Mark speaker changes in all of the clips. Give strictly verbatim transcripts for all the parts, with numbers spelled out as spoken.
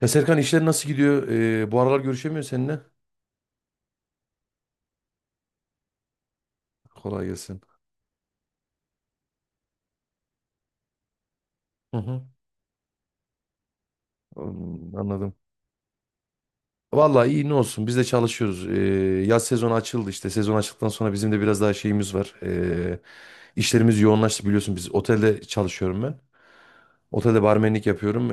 Speaker 1: Ya Serkan, işler nasıl gidiyor? Ee, bu aralar görüşemiyor seninle. Kolay gelsin. Hı hı. Hmm, anladım. Vallahi iyi, ne olsun, biz de çalışıyoruz. Ee, yaz sezonu açıldı işte. Sezon açıldıktan sonra bizim de biraz daha şeyimiz var. Ee, işlerimiz yoğunlaştı, biliyorsun biz otelde çalışıyorum ben. Otelde barmenlik yapıyorum.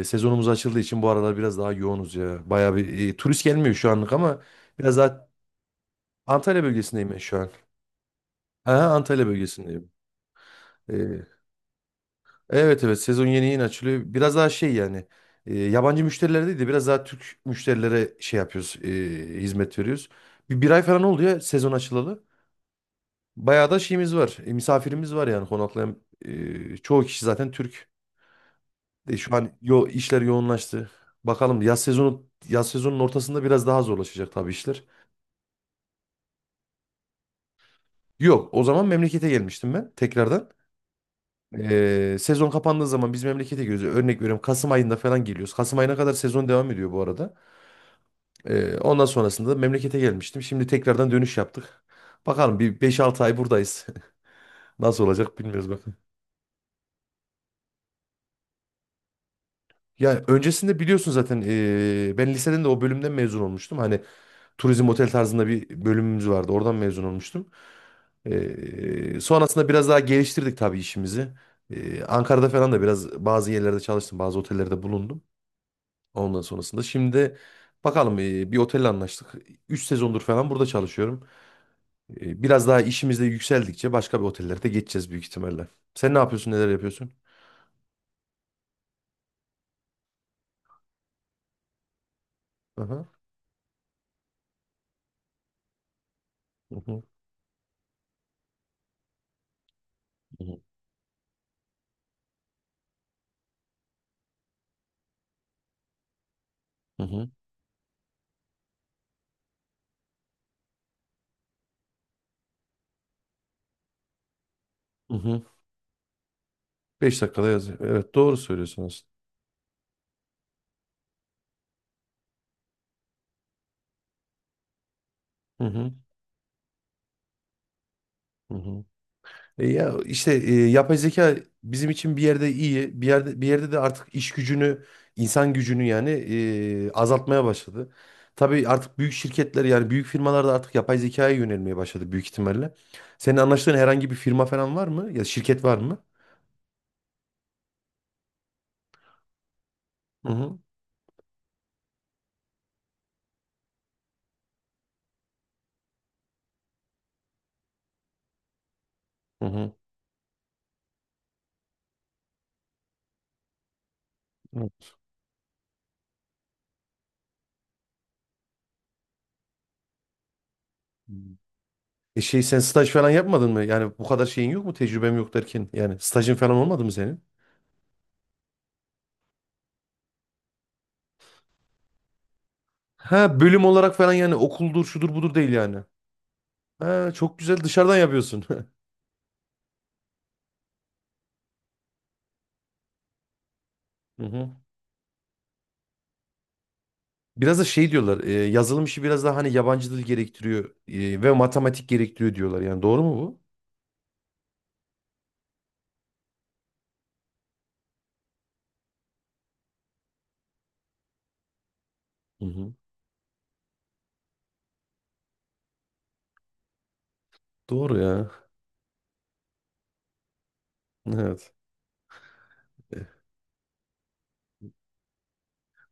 Speaker 1: Ee, sezonumuz açıldığı için bu aralar biraz daha yoğunuz ya. Bayağı bir e, turist gelmiyor şu anlık ama biraz daha Antalya bölgesindeyim ben şu an. Aha, Antalya bölgesindeyim. Ee, Evet evet, sezon yeni yeni açılıyor. Biraz daha şey yani, e, yabancı müşterilere değil de biraz daha Türk müşterilere şey yapıyoruz, e, hizmet veriyoruz. Bir, bir ay falan oldu ya sezon açılalı. Bayağı da şeyimiz var, e, misafirimiz var yani, konaklayan e, çoğu kişi zaten Türk. E, şu an yo, işler yoğunlaştı. Bakalım, yaz sezonu yaz sezonun ortasında biraz daha zorlaşacak tabii işler. Yok, o zaman memlekete gelmiştim ben tekrardan. E, sezon kapandığı zaman biz memlekete geliyoruz. Örnek veriyorum, Kasım ayında falan geliyoruz. Kasım ayına kadar sezon devam ediyor bu arada. Ee, ondan sonrasında da memlekete gelmiştim. Şimdi tekrardan dönüş yaptık. Bakalım, bir beş altı ay buradayız. Nasıl olacak bilmiyoruz bakın. Ya, öncesinde biliyorsun zaten, ee, ben liseden de o bölümden mezun olmuştum. Hani turizm otel tarzında bir bölümümüz vardı. Oradan mezun olmuştum. Ee, sonrasında biraz daha geliştirdik tabii işimizi. Ee, Ankara'da falan da biraz bazı yerlerde çalıştım. Bazı otellerde bulundum. Ondan sonrasında şimdi de bakalım, ee, bir otelle anlaştık. Üç sezondur falan burada çalışıyorum. E, Biraz daha işimizde yükseldikçe başka bir otellerde geçeceğiz büyük ihtimalle. Sen ne yapıyorsun, neler yapıyorsun? Aha. Hı hı, hı hı, hı hı. Beş dakikada yazıyor. Evet, doğru söylüyorsun aslında. Hı hı, hı hı. E ya işte, e, yapay zeka bizim için bir yerde iyi, bir yerde bir yerde de artık iş gücünü, insan gücünü yani e, azaltmaya başladı. Tabii artık büyük şirketler yani büyük firmalar da artık yapay zekaya yönelmeye başladı büyük ihtimalle. Senin anlaştığın herhangi bir firma falan var mı? Ya, şirket var mı? Hı hı. Hı hı. Hı. E şey sen staj falan yapmadın mı? Yani bu kadar şeyin yok mu? Tecrübem yok derken. Yani stajın falan olmadı mı senin? Ha, bölüm olarak falan yani, okuldur şudur budur değil yani. Ha, çok güzel, dışarıdan yapıyorsun. Hı hı. Biraz da şey diyorlar. e, yazılım işi biraz daha hani yabancı dil gerektiriyor, e, ve matematik gerektiriyor diyorlar. Yani doğru mu bu? Hı hı. Doğru ya. Evet. E,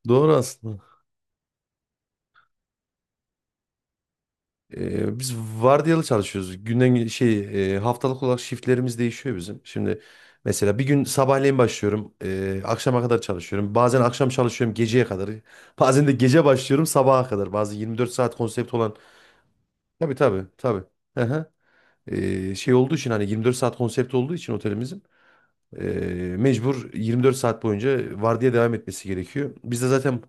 Speaker 1: Doğru aslında. Ee, biz vardiyalı çalışıyoruz. Günden gü- şey, e, haftalık olarak shiftlerimiz değişiyor bizim. Şimdi mesela bir gün sabahleyin başlıyorum, e, akşama kadar çalışıyorum. Bazen akşam çalışıyorum geceye kadar. Bazen de gece başlıyorum sabaha kadar. Bazı yirmi dört saat konsept olan. Tabii tabii tabii. Aha. Ee, şey olduğu için, hani yirmi dört saat konsept olduğu için otelimizin, e, mecbur yirmi dört saat boyunca vardiya devam etmesi gerekiyor. Biz de zaten.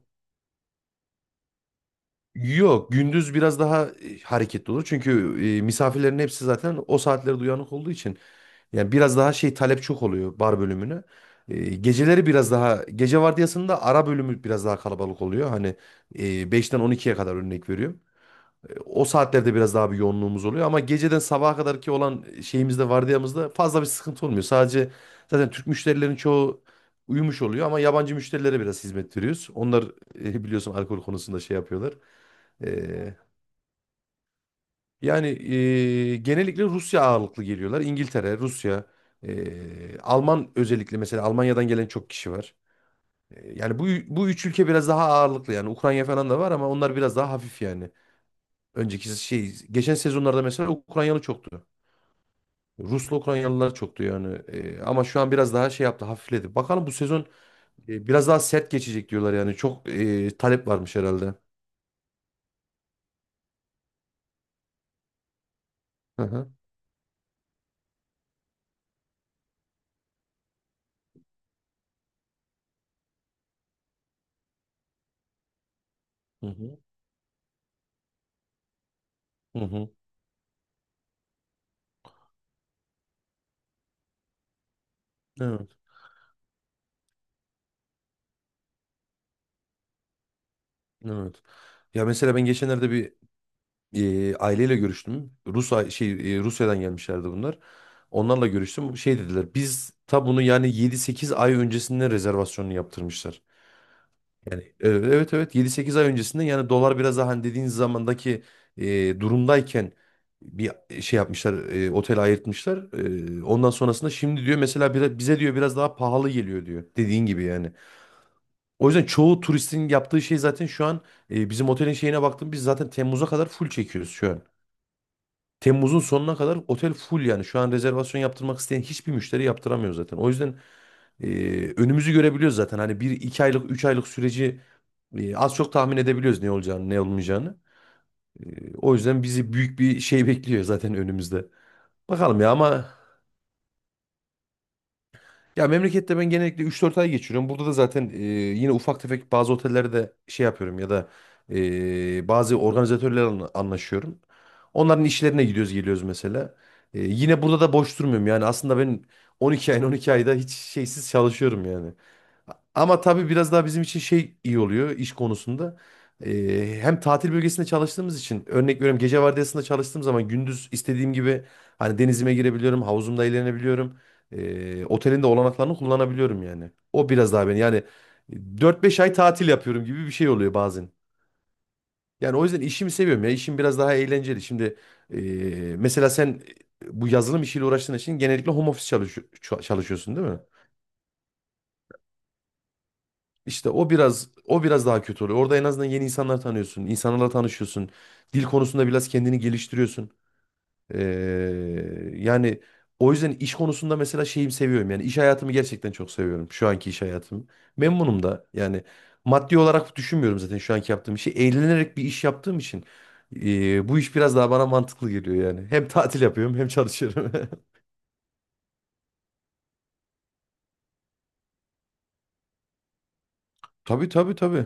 Speaker 1: Yok, gündüz biraz daha e, hareketli olur. Çünkü e, misafirlerin hepsi zaten o saatlerde uyanık olduğu için yani biraz daha şey talep çok oluyor bar bölümüne. E, geceleri biraz daha, gece vardiyasında, ara bölümü biraz daha kalabalık oluyor. Hani e, beşten on ikiye kadar, örnek veriyorum. O saatlerde biraz daha bir yoğunluğumuz oluyor ama geceden sabaha kadar ki olan şeyimizde, vardiyamızda fazla bir sıkıntı olmuyor. Sadece zaten Türk müşterilerin çoğu uyumuş oluyor ama yabancı müşterilere biraz hizmet veriyoruz. Onlar e, biliyorsun alkol konusunda şey yapıyorlar. E, yani e, genellikle Rusya ağırlıklı geliyorlar. İngiltere, Rusya, e, Alman, özellikle mesela Almanya'dan gelen çok kişi var. E, Yani bu bu üç ülke biraz daha ağırlıklı yani. Ukrayna falan da var ama onlar biraz daha hafif yani. Önceki şey, geçen sezonlarda mesela Ukraynalı çoktu. Ruslu Ukraynalılar çoktu yani. E, ama şu an biraz daha şey yaptı, hafifledi. Bakalım bu sezon e, biraz daha sert geçecek diyorlar yani. Çok e, talep varmış herhalde. Hı hı. Hı hı. Hı hı. Evet. Evet. Ya mesela ben geçenlerde bir e, aileyle görüştüm. Rus a- şey e, Rusya'dan gelmişlerdi bunlar. Onlarla görüştüm. Şey dediler. Biz ta bunu yani yedi sekiz ay öncesinden rezervasyonunu yaptırmışlar. Ee, Evet evet, yedi sekiz ay öncesinde yani, dolar biraz daha hani dediğiniz zamandaki e, durumdayken bir şey yapmışlar, e, otel ayırtmışlar. E, ondan sonrasında şimdi diyor mesela bira- bize diyor biraz daha pahalı geliyor diyor, dediğin gibi yani. O yüzden çoğu turistin yaptığı şey zaten, şu an e, bizim otelin şeyine baktım, biz zaten Temmuz'a kadar full çekiyoruz şu an. Temmuz'un sonuna kadar otel full yani. Şu an rezervasyon yaptırmak isteyen hiçbir müşteri yaptıramıyor zaten. O yüzden e, önümüzü görebiliyoruz zaten. Hani bir iki aylık, üç aylık süreci e, az çok tahmin edebiliyoruz, ne olacağını, ne olmayacağını. E, o yüzden bizi büyük bir şey bekliyor zaten önümüzde. Bakalım ya, ama. Ya memlekette ben genellikle üç dört ay geçiriyorum. Burada da zaten e, yine ufak tefek bazı otellerde şey yapıyorum, ya da e, bazı organizatörlerle anlaşıyorum. Onların işlerine gidiyoruz geliyoruz mesela. E, yine burada da boş durmuyorum yani aslında ben, on iki ayın on iki ayda hiç şeysiz çalışıyorum yani. Ama tabii biraz daha bizim için şey iyi oluyor iş konusunda. Ee, hem tatil bölgesinde çalıştığımız için, örnek veriyorum, gece vardiyasında çalıştığım zaman gündüz istediğim gibi hani denizime girebiliyorum, havuzumda eğlenebiliyorum. E, otelin de olanaklarını kullanabiliyorum yani. O biraz daha beni yani, dört beş ay tatil yapıyorum gibi bir şey oluyor bazen. Yani o yüzden işimi seviyorum ya. İşim biraz daha eğlenceli. Şimdi, e, mesela sen bu yazılım işiyle uğraştığın için genellikle home office çalış ça- çalışıyorsun değil mi? İşte o biraz o biraz daha kötü oluyor. Orada en azından yeni insanlar tanıyorsun, insanlarla tanışıyorsun. Dil konusunda biraz kendini geliştiriyorsun. Ee, yani o yüzden iş konusunda mesela şeyimi seviyorum. Yani iş hayatımı gerçekten çok seviyorum. Şu anki iş hayatımı. Memnunum da. Yani maddi olarak düşünmüyorum zaten şu anki yaptığım işi. Eğlenerek bir iş yaptığım için, ee, bu iş biraz daha bana mantıklı geliyor yani. Hem tatil yapıyorum, hem çalışıyorum. Tabii tabii tabii.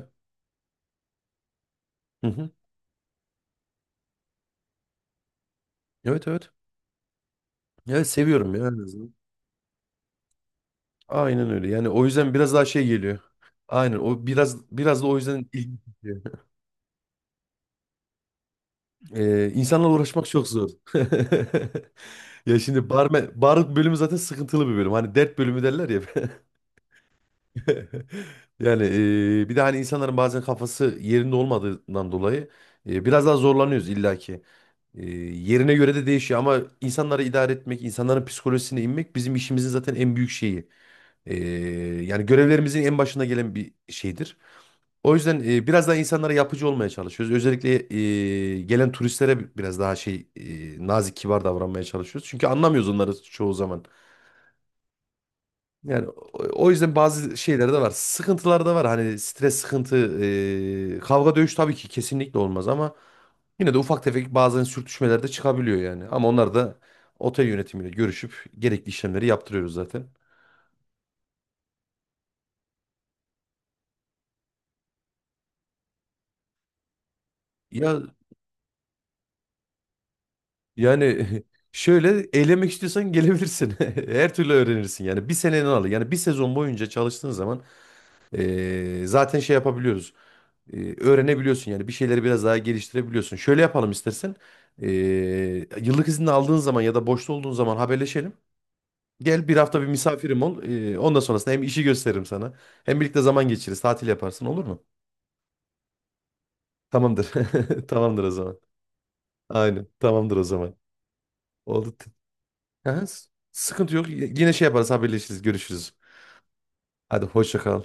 Speaker 1: Hı hı. Evet evet. Evet, seviyorum ya, en azından. Aynen öyle. Yani o yüzden biraz daha şey geliyor. Aynen, o biraz biraz da o yüzden ilginç çekiyor. Ee, insanla uğraşmak çok zor. Ya, şimdi bar, bar bölümü zaten sıkıntılı bir bölüm. Hani dert bölümü derler ya. Yani e, bir de hani insanların bazen kafası yerinde olmadığından dolayı, e, biraz daha zorlanıyoruz illaki. E, yerine göre de değişiyor ama insanları idare etmek, insanların psikolojisine inmek, bizim işimizin zaten en büyük şeyi. E, yani görevlerimizin en başına gelen bir şeydir. O yüzden e, biraz daha insanlara yapıcı olmaya çalışıyoruz. Özellikle e, gelen turistlere biraz daha şey, e, nazik, kibar davranmaya çalışıyoruz. Çünkü anlamıyoruz onları çoğu zaman. Yani o o yüzden bazı şeyler de var. Sıkıntılar da var. Hani stres, sıkıntı, e, kavga, dövüş tabii ki kesinlikle olmaz ama yine de ufak tefek bazen sürtüşmeler de çıkabiliyor yani. Ama onlar da, otel yönetimiyle görüşüp, gerekli işlemleri yaptırıyoruz zaten. Ya yani, şöyle eğlenmek istiyorsan gelebilirsin. Her türlü öğrenirsin yani. Bir seneni alır. Yani bir sezon boyunca çalıştığın zaman, eee, zaten şey yapabiliyoruz. Eee, öğrenebiliyorsun yani, bir şeyleri biraz daha geliştirebiliyorsun. Şöyle yapalım istersen. Eee, yıllık izin aldığın zaman ya da boşta olduğun zaman haberleşelim. Gel bir hafta bir misafirim ol. Ee, ondan sonrasında hem işi gösteririm sana. Hem birlikte zaman geçiririz. Tatil yaparsın, olur mu? Tamamdır. Tamamdır o zaman. Aynen. Tamamdır o zaman. Oldu. Aha, s- sıkıntı yok. Y- Yine şey yaparız, haberleşiriz. Görüşürüz. Hadi, hoşça kal.